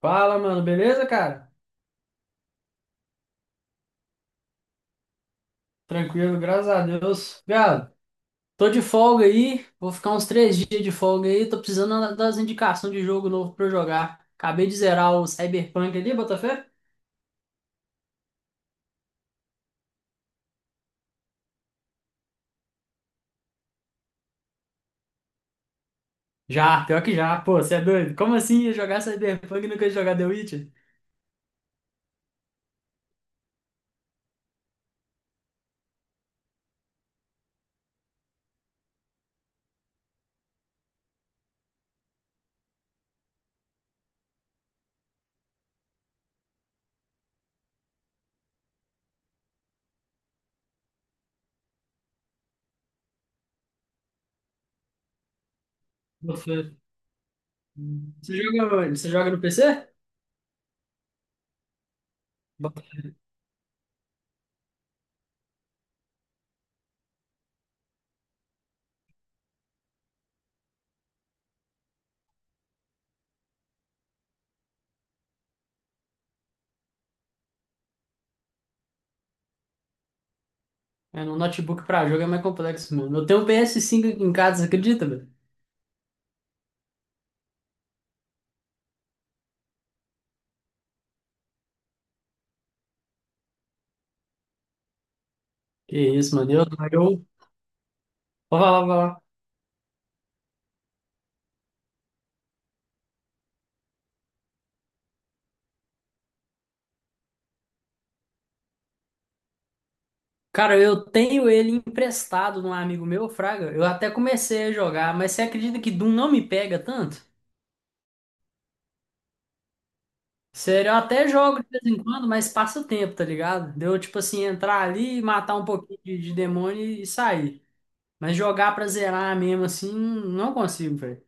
Fala, mano, beleza, cara? Tranquilo, graças a Deus. Viado, tô de folga aí, vou ficar uns três dias de folga aí, tô precisando das indicações de jogo novo pra eu jogar. Acabei de zerar o Cyberpunk ali, Botafé? Já, pior que já. Pô, você é doido? Como assim ia jogar Cyberpunk e nunca ia jogar The Witcher? Botafé. Você joga onde? Você joga no PC? Botafé. É, no notebook pra jogo é mais complexo, mano. Eu tenho um PS5 aqui em casa, você acredita, velho? Que isso, mano. Eu... Vou falar, cara, eu tenho ele emprestado num amigo meu, Fraga. Eu até comecei a jogar, mas você acredita que Doom não me pega tanto? Sério, eu até jogo de vez em quando, mas passa o tempo, tá ligado? Deu, tipo assim, entrar ali, matar um pouquinho de demônio e sair. Mas jogar pra zerar mesmo, assim, não consigo, velho.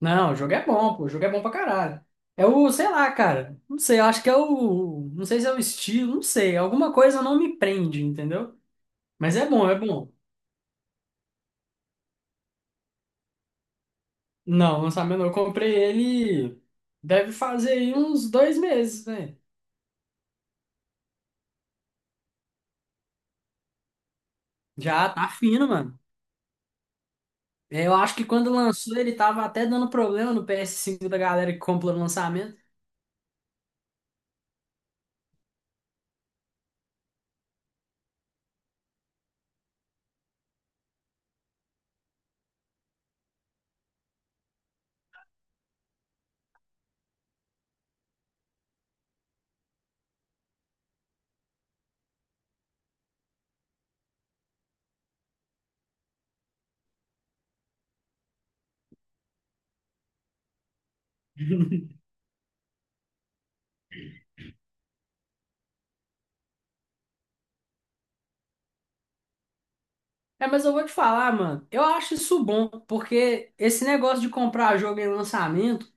Não, o jogo é bom, pô. O jogo é bom pra caralho. É o, sei lá, cara. Não sei, eu acho que é o. Não sei se é o estilo, não sei. Alguma coisa não me prende, entendeu? Mas é bom, é bom. Não, lançamento não. Eu comprei ele. Deve fazer aí uns dois meses, velho. Já tá fino, mano. Eu acho que quando lançou ele tava até dando problema no PS cinco da galera que compra no lançamento. É, mas eu vou te falar, mano. Eu acho isso bom, porque esse negócio de comprar jogo em lançamento,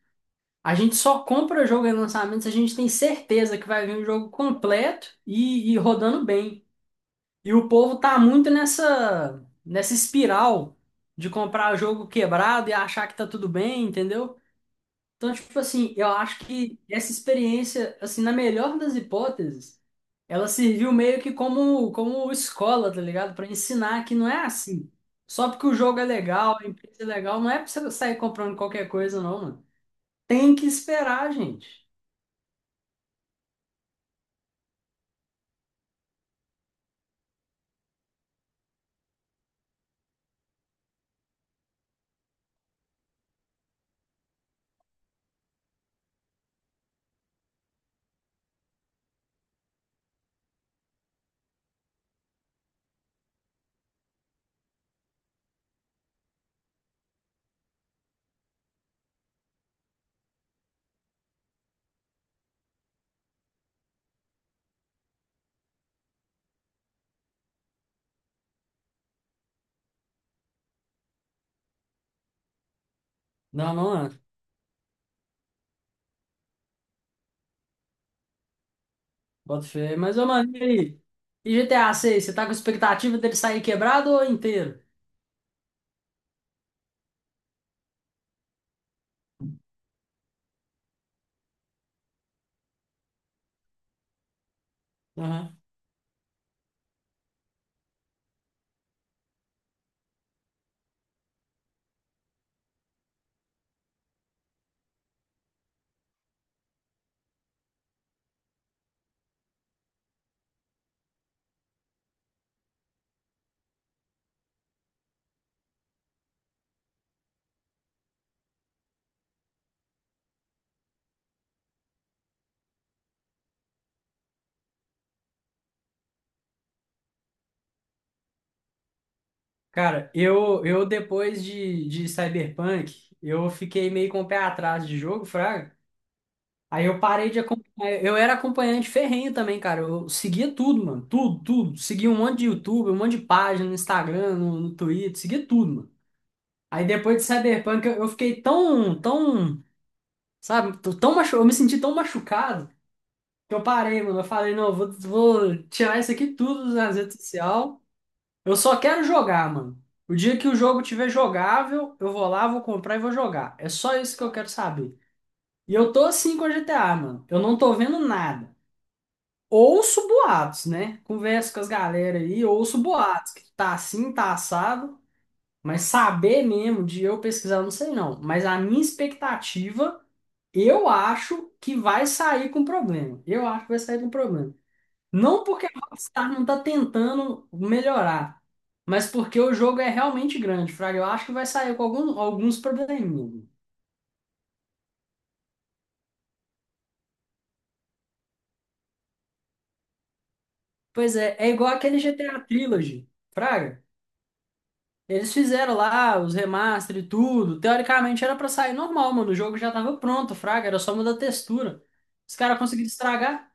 a gente só compra jogo em lançamento se a gente tem certeza que vai vir um jogo completo e rodando bem. E o povo tá muito nessa espiral de comprar jogo quebrado e achar que tá tudo bem, entendeu? Então, tipo assim, eu acho que essa experiência, assim, na melhor das hipóteses, ela serviu meio que como escola, tá ligado? Pra ensinar que não é assim. Só porque o jogo é legal, a empresa é legal, não é pra você sair comprando qualquer coisa, não, mano. Tem que esperar, gente. Não, não, mano. Bota fé. Mas, ô, mano, e aí? E GTA 6, você tá com expectativa dele sair quebrado ou inteiro? Aham. Cara, eu depois de Cyberpunk, eu fiquei meio com o pé atrás de jogo, Fraga. Aí eu parei de acompanhar. Eu era acompanhante ferrenho também, cara. Eu seguia tudo, mano. Tudo, tudo. Seguia um monte de YouTube, um monte de página no Instagram, no Twitter, seguia tudo, mano. Aí depois de Cyberpunk, eu fiquei tão, sabe, eu me senti tão machucado que eu parei, mano. Eu falei, não, eu vou tirar isso aqui tudo das redes sociais. Eu só quero jogar, mano. O dia que o jogo tiver jogável, eu vou lá, vou comprar e vou jogar. É só isso que eu quero saber. E eu tô assim com a GTA, mano. Eu não tô vendo nada. Ouço boatos, né? Converso com as galera aí, ouço boatos que tá assim, tá assado. Mas saber mesmo de eu pesquisar, eu não sei não. Mas a minha expectativa, eu acho que vai sair com problema. Eu acho que vai sair com problema. Não porque a Rockstar não tá tentando melhorar, mas porque o jogo é realmente grande, Fraga. Eu acho que vai sair com alguns probleminhas. Pois é, igual aquele GTA Trilogy, Fraga. Eles fizeram lá os remaster e tudo. Teoricamente era pra sair normal, mano. O jogo já tava pronto, Fraga. Era só mudar a textura. Os caras conseguiram estragar.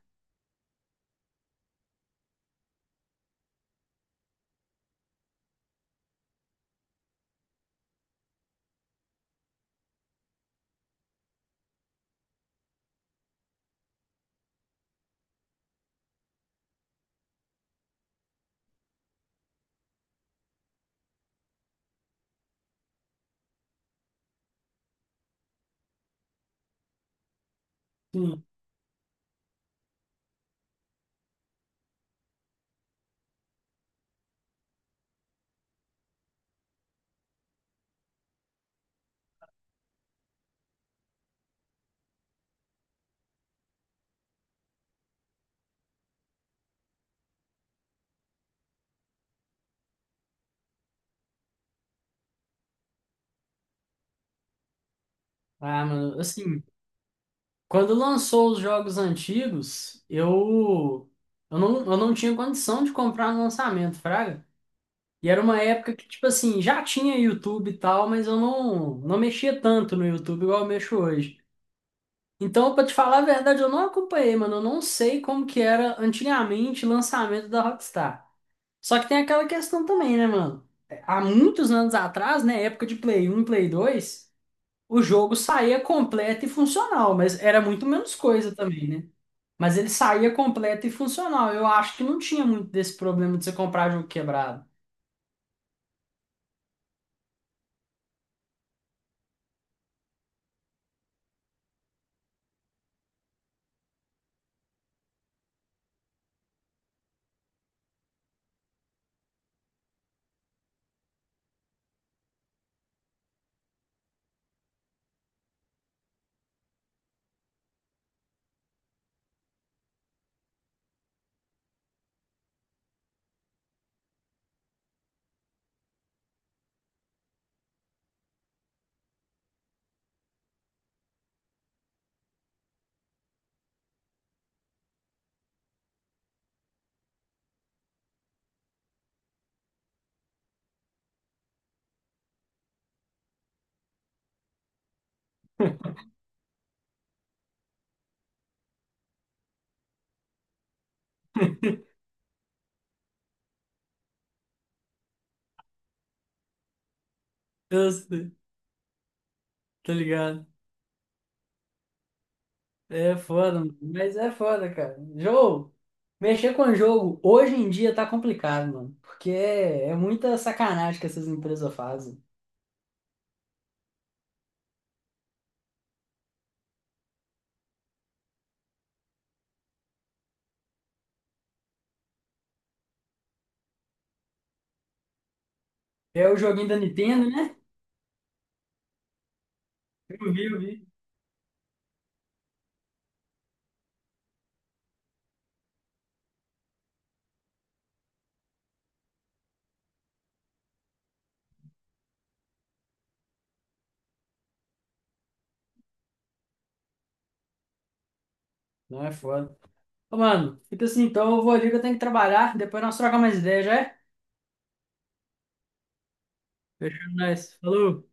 Sim. Ah, mano, assim, quando lançou os jogos antigos, eu não tinha condição de comprar no lançamento, Fraga. E era uma época que, tipo assim, já tinha YouTube e tal, mas eu não mexia tanto no YouTube igual eu mexo hoje. Então, pra te falar a verdade, eu não acompanhei, mano. Eu não sei como que era antigamente o lançamento da Rockstar. Só que tem aquela questão também, né, mano? Há muitos anos atrás, né, época de Play 1 Play 2, o jogo saía completo e funcional, mas era muito menos coisa também, né? Mas ele saía completo e funcional. Eu acho que não tinha muito desse problema de você comprar jogo quebrado. Eu sei, tá ligado? É foda, mano, mas é foda, cara. Mexer com jogo hoje em dia tá complicado, mano. Porque é muita sacanagem que essas empresas fazem. É o joguinho da Nintendo, né? Eu vi, eu vi. Não é foda. Ô, mano, fica assim, então eu vou ali que eu tenho que trabalhar. Depois nós trocamos mais ideia, já é? Fechando nós. Falou.